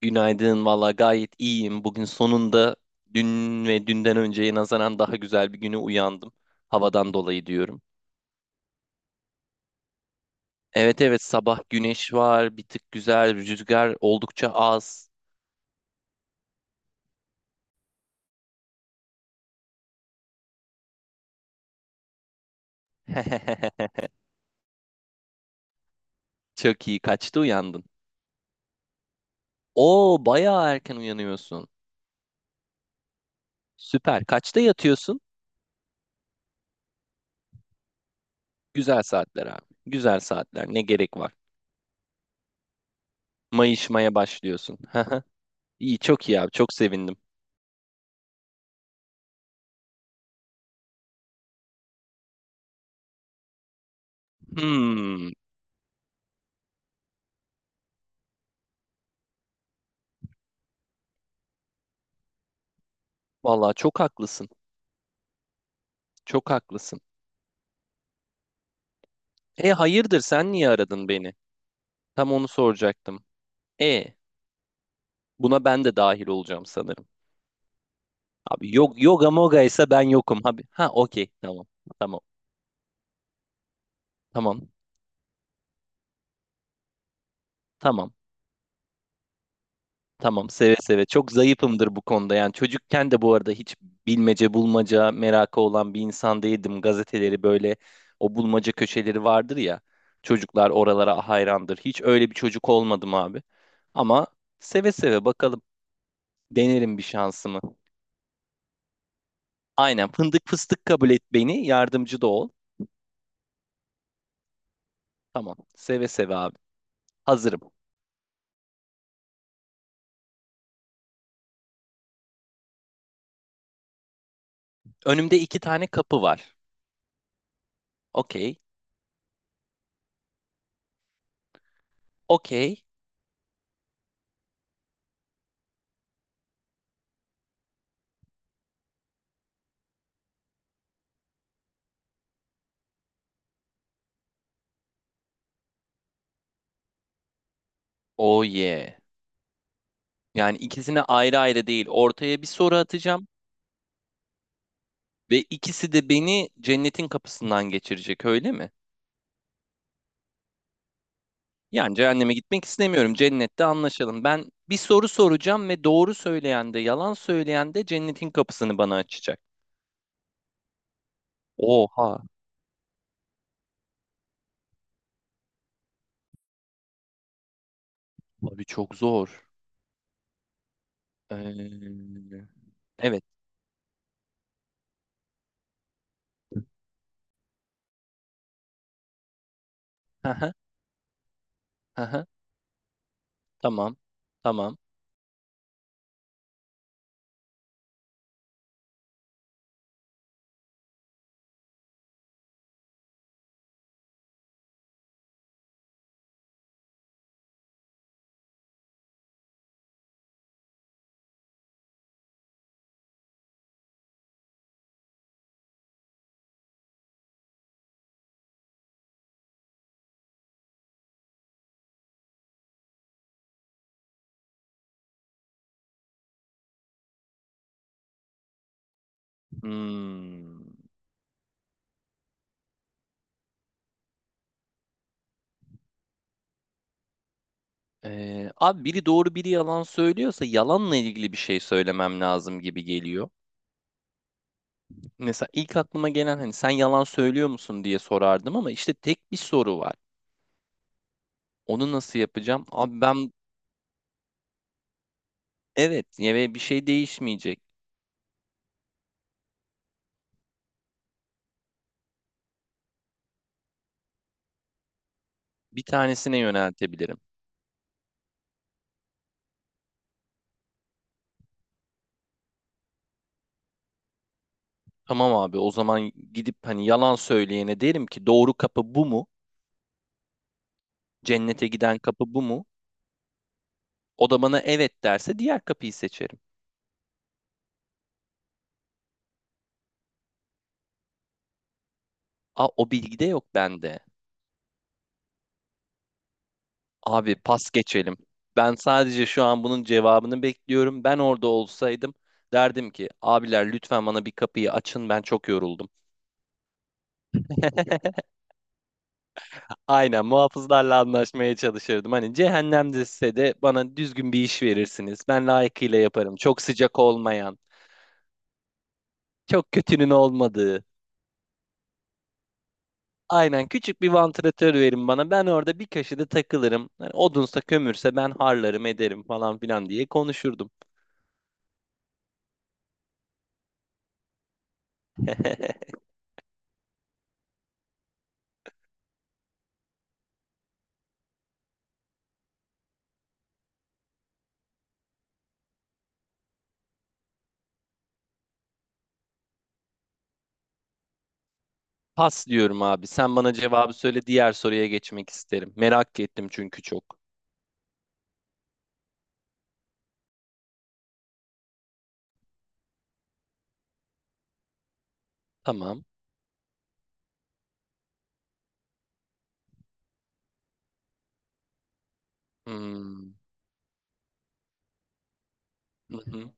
Günaydın valla gayet iyiyim. Bugün sonunda dün ve dünden önceye nazaran daha güzel bir güne uyandım. Havadan dolayı diyorum. Evet evet sabah güneş var, bir tık güzel, rüzgar oldukça az. Çok iyi, kaçta uyandın? Oo bayağı erken uyanıyorsun. Süper, kaçta yatıyorsun? Güzel saatler abi. Güzel saatler, ne gerek var? Mayışmaya başlıyorsun. İyi, çok iyi abi, çok sevindim. Hmm, valla çok haklısın. Çok haklısın. E hayırdır, sen niye aradın beni? Tam onu soracaktım. E, buna ben de dahil olacağım sanırım. Abi yok, yoga moga ise ben yokum abi. Ha okey, tamam. Tamam. Tamam. Tamam. Tamam, seve seve. Çok zayıfımdır bu konuda. Yani çocukken de bu arada hiç bilmece bulmaca merakı olan bir insan değildim. Gazeteleri böyle, o bulmaca köşeleri vardır ya. Çocuklar oralara hayrandır. Hiç öyle bir çocuk olmadım abi. Ama seve seve, bakalım, denerim bir şansımı. Aynen, fındık fıstık, kabul et beni, yardımcı da ol. Tamam, seve seve abi, hazırım. Önümde iki tane kapı var. Okey, okey, oh yeah. Yani ikisine ayrı ayrı değil, ortaya bir soru atacağım. Ve ikisi de beni cennetin kapısından geçirecek, öyle mi? Yani cehenneme gitmek istemiyorum, cennette anlaşalım. Ben bir soru soracağım ve doğru söyleyen de yalan söyleyen de cennetin kapısını bana açacak. Oha abi, çok zor. Ee, evet. Tamam. Tamam. Hmm. Abi, biri doğru biri yalan söylüyorsa yalanla ilgili bir şey söylemem lazım gibi geliyor. Mesela ilk aklıma gelen, hani sen yalan söylüyor musun diye sorardım, ama işte tek bir soru var. Onu nasıl yapacağım? Abi ben evet, ve bir şey değişmeyecek. Bir tanesine yöneltebilirim. Tamam abi, o zaman gidip hani yalan söyleyene derim ki, doğru kapı bu mu? Cennete giden kapı bu mu? O da bana evet derse diğer kapıyı seçerim. Aa, o bilgi de yok bende. Abi pas geçelim. Ben sadece şu an bunun cevabını bekliyorum. Ben orada olsaydım derdim ki, abiler lütfen bana bir kapıyı açın, ben çok yoruldum. Aynen, muhafızlarla anlaşmaya çalışırdım. Hani cehennemde size de, bana düzgün bir iş verirsiniz, ben layıkıyla yaparım. Çok sıcak olmayan, çok kötünün olmadığı. Aynen, küçük bir vantilatör verin bana. Ben orada bir köşede takılırım. Yani odunsa kömürse ben harlarım ederim falan filan diye konuşurdum. Pas diyorum abi. Sen bana cevabı söyle. Diğer soruya geçmek isterim. Merak ettim çünkü çok. Tamam. Hmm. Hı hı.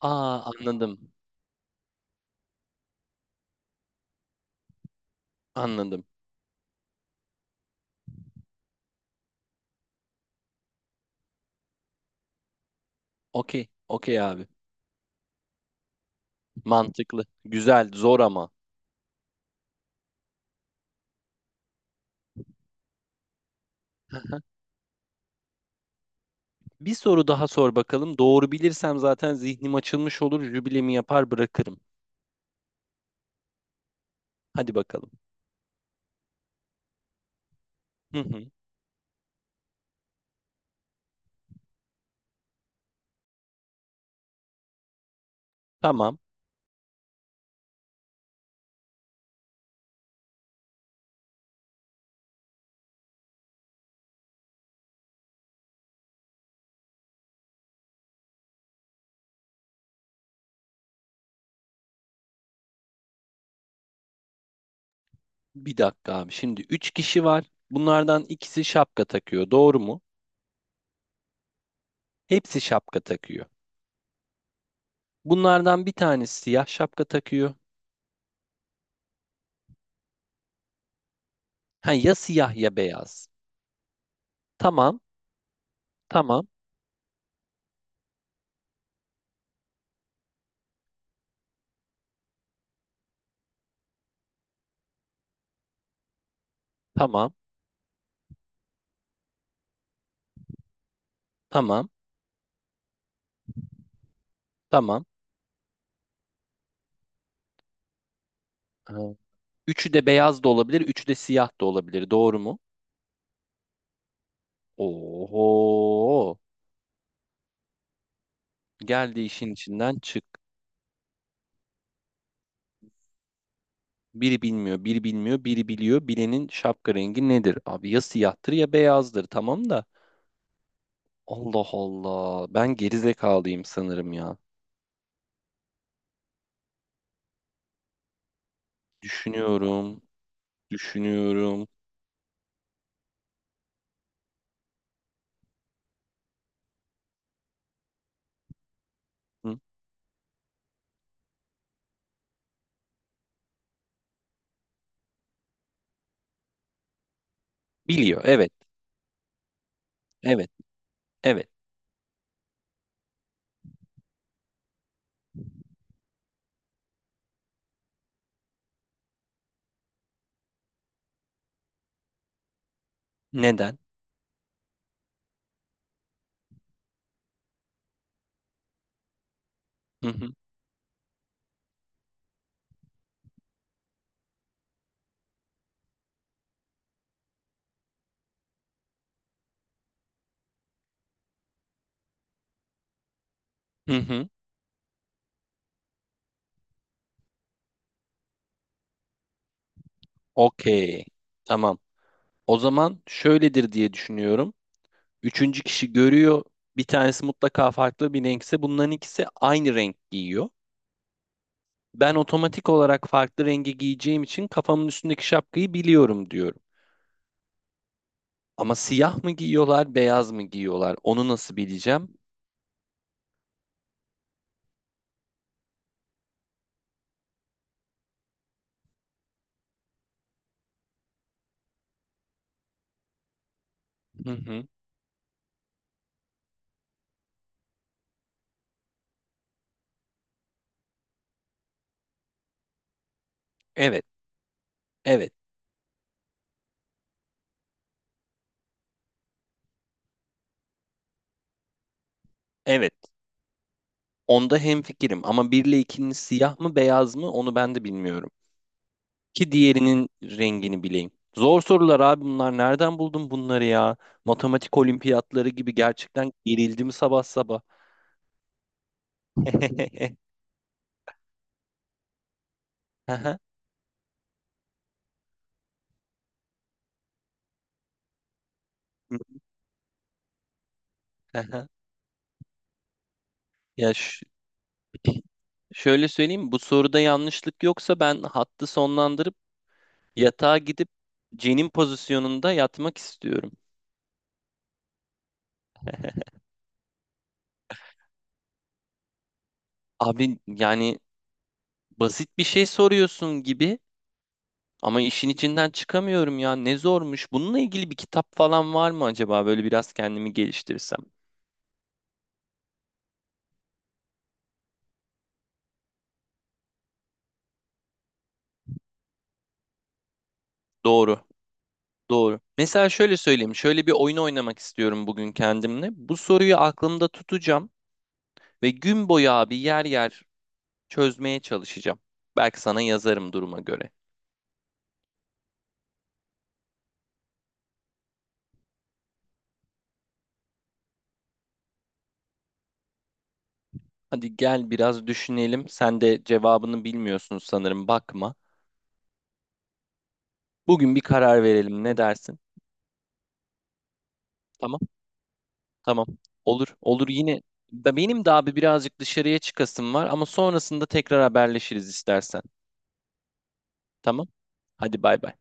Aa, anladım. Anladım. Okey. Okey abi. Mantıklı. Güzel. Zor ama. Hı hı. Bir soru daha sor bakalım. Doğru bilirsem zaten zihnim açılmış olur. Jübilemi yapar bırakırım. Hadi bakalım. Hı hı. Tamam. Bir dakika abi. Şimdi üç kişi var. Bunlardan ikisi şapka takıyor, doğru mu? Hepsi şapka takıyor. Bunlardan bir tanesi siyah şapka takıyor. Ha, ya siyah ya beyaz. Tamam, tamam, tamam, tamam, tamam. Ee, üçü de beyaz da olabilir, üçü de siyah da olabilir, doğru mu? Oho! Geldi, işin içinden çık. Biri bilmiyor, biri bilmiyor, biri biliyor. Bilenin şapka rengi nedir? Abi ya siyahtır ya beyazdır. Tamam da. Allah Allah. Ben gerizekalıyım sanırım ya. Düşünüyorum, düşünüyorum. Hı. Biliyor. Evet, evet, evet. Neden? Hı hı, hı hı. Okey. Tamam. O zaman şöyledir diye düşünüyorum. Üçüncü kişi görüyor. Bir tanesi mutlaka farklı bir renkse, bunların ikisi aynı renk giyiyor. Ben otomatik olarak farklı rengi giyeceğim için kafamın üstündeki şapkayı biliyorum diyorum. Ama siyah mı giyiyorlar, beyaz mı giyiyorlar? Onu nasıl bileceğim? Hı hı. Evet, evet, evet. Onda hemfikirim ama 1 ile 2'nin siyah mı, beyaz mı onu ben de bilmiyorum. Ki diğerinin rengini bileyim. Zor sorular abi bunlar. Nereden buldun bunları ya? Matematik olimpiyatları gibi, gerçekten gerildim sabah sabah. Aha, aha. Ya ş- şöyle söyleyeyim, bu soruda yanlışlık yoksa ben hattı sonlandırıp yatağa gidip cenin pozisyonunda yatmak istiyorum. Abi yani basit bir şey soruyorsun gibi, ama işin içinden çıkamıyorum ya, ne zormuş. Bununla ilgili bir kitap falan var mı acaba, böyle biraz kendimi geliştirsem? Doğru. Doğru. Mesela şöyle söyleyeyim. Şöyle bir oyun oynamak istiyorum bugün kendimle. Bu soruyu aklımda tutacağım ve gün boyu abi yer yer çözmeye çalışacağım. Belki sana yazarım duruma göre. Hadi gel biraz düşünelim. Sen de cevabını bilmiyorsun sanırım. Bakma. Bugün bir karar verelim, ne dersin? Tamam. Tamam. Olur. Olur yine. Da benim de abi birazcık dışarıya çıkasım var, ama sonrasında tekrar haberleşiriz istersen. Tamam. Hadi bay bay.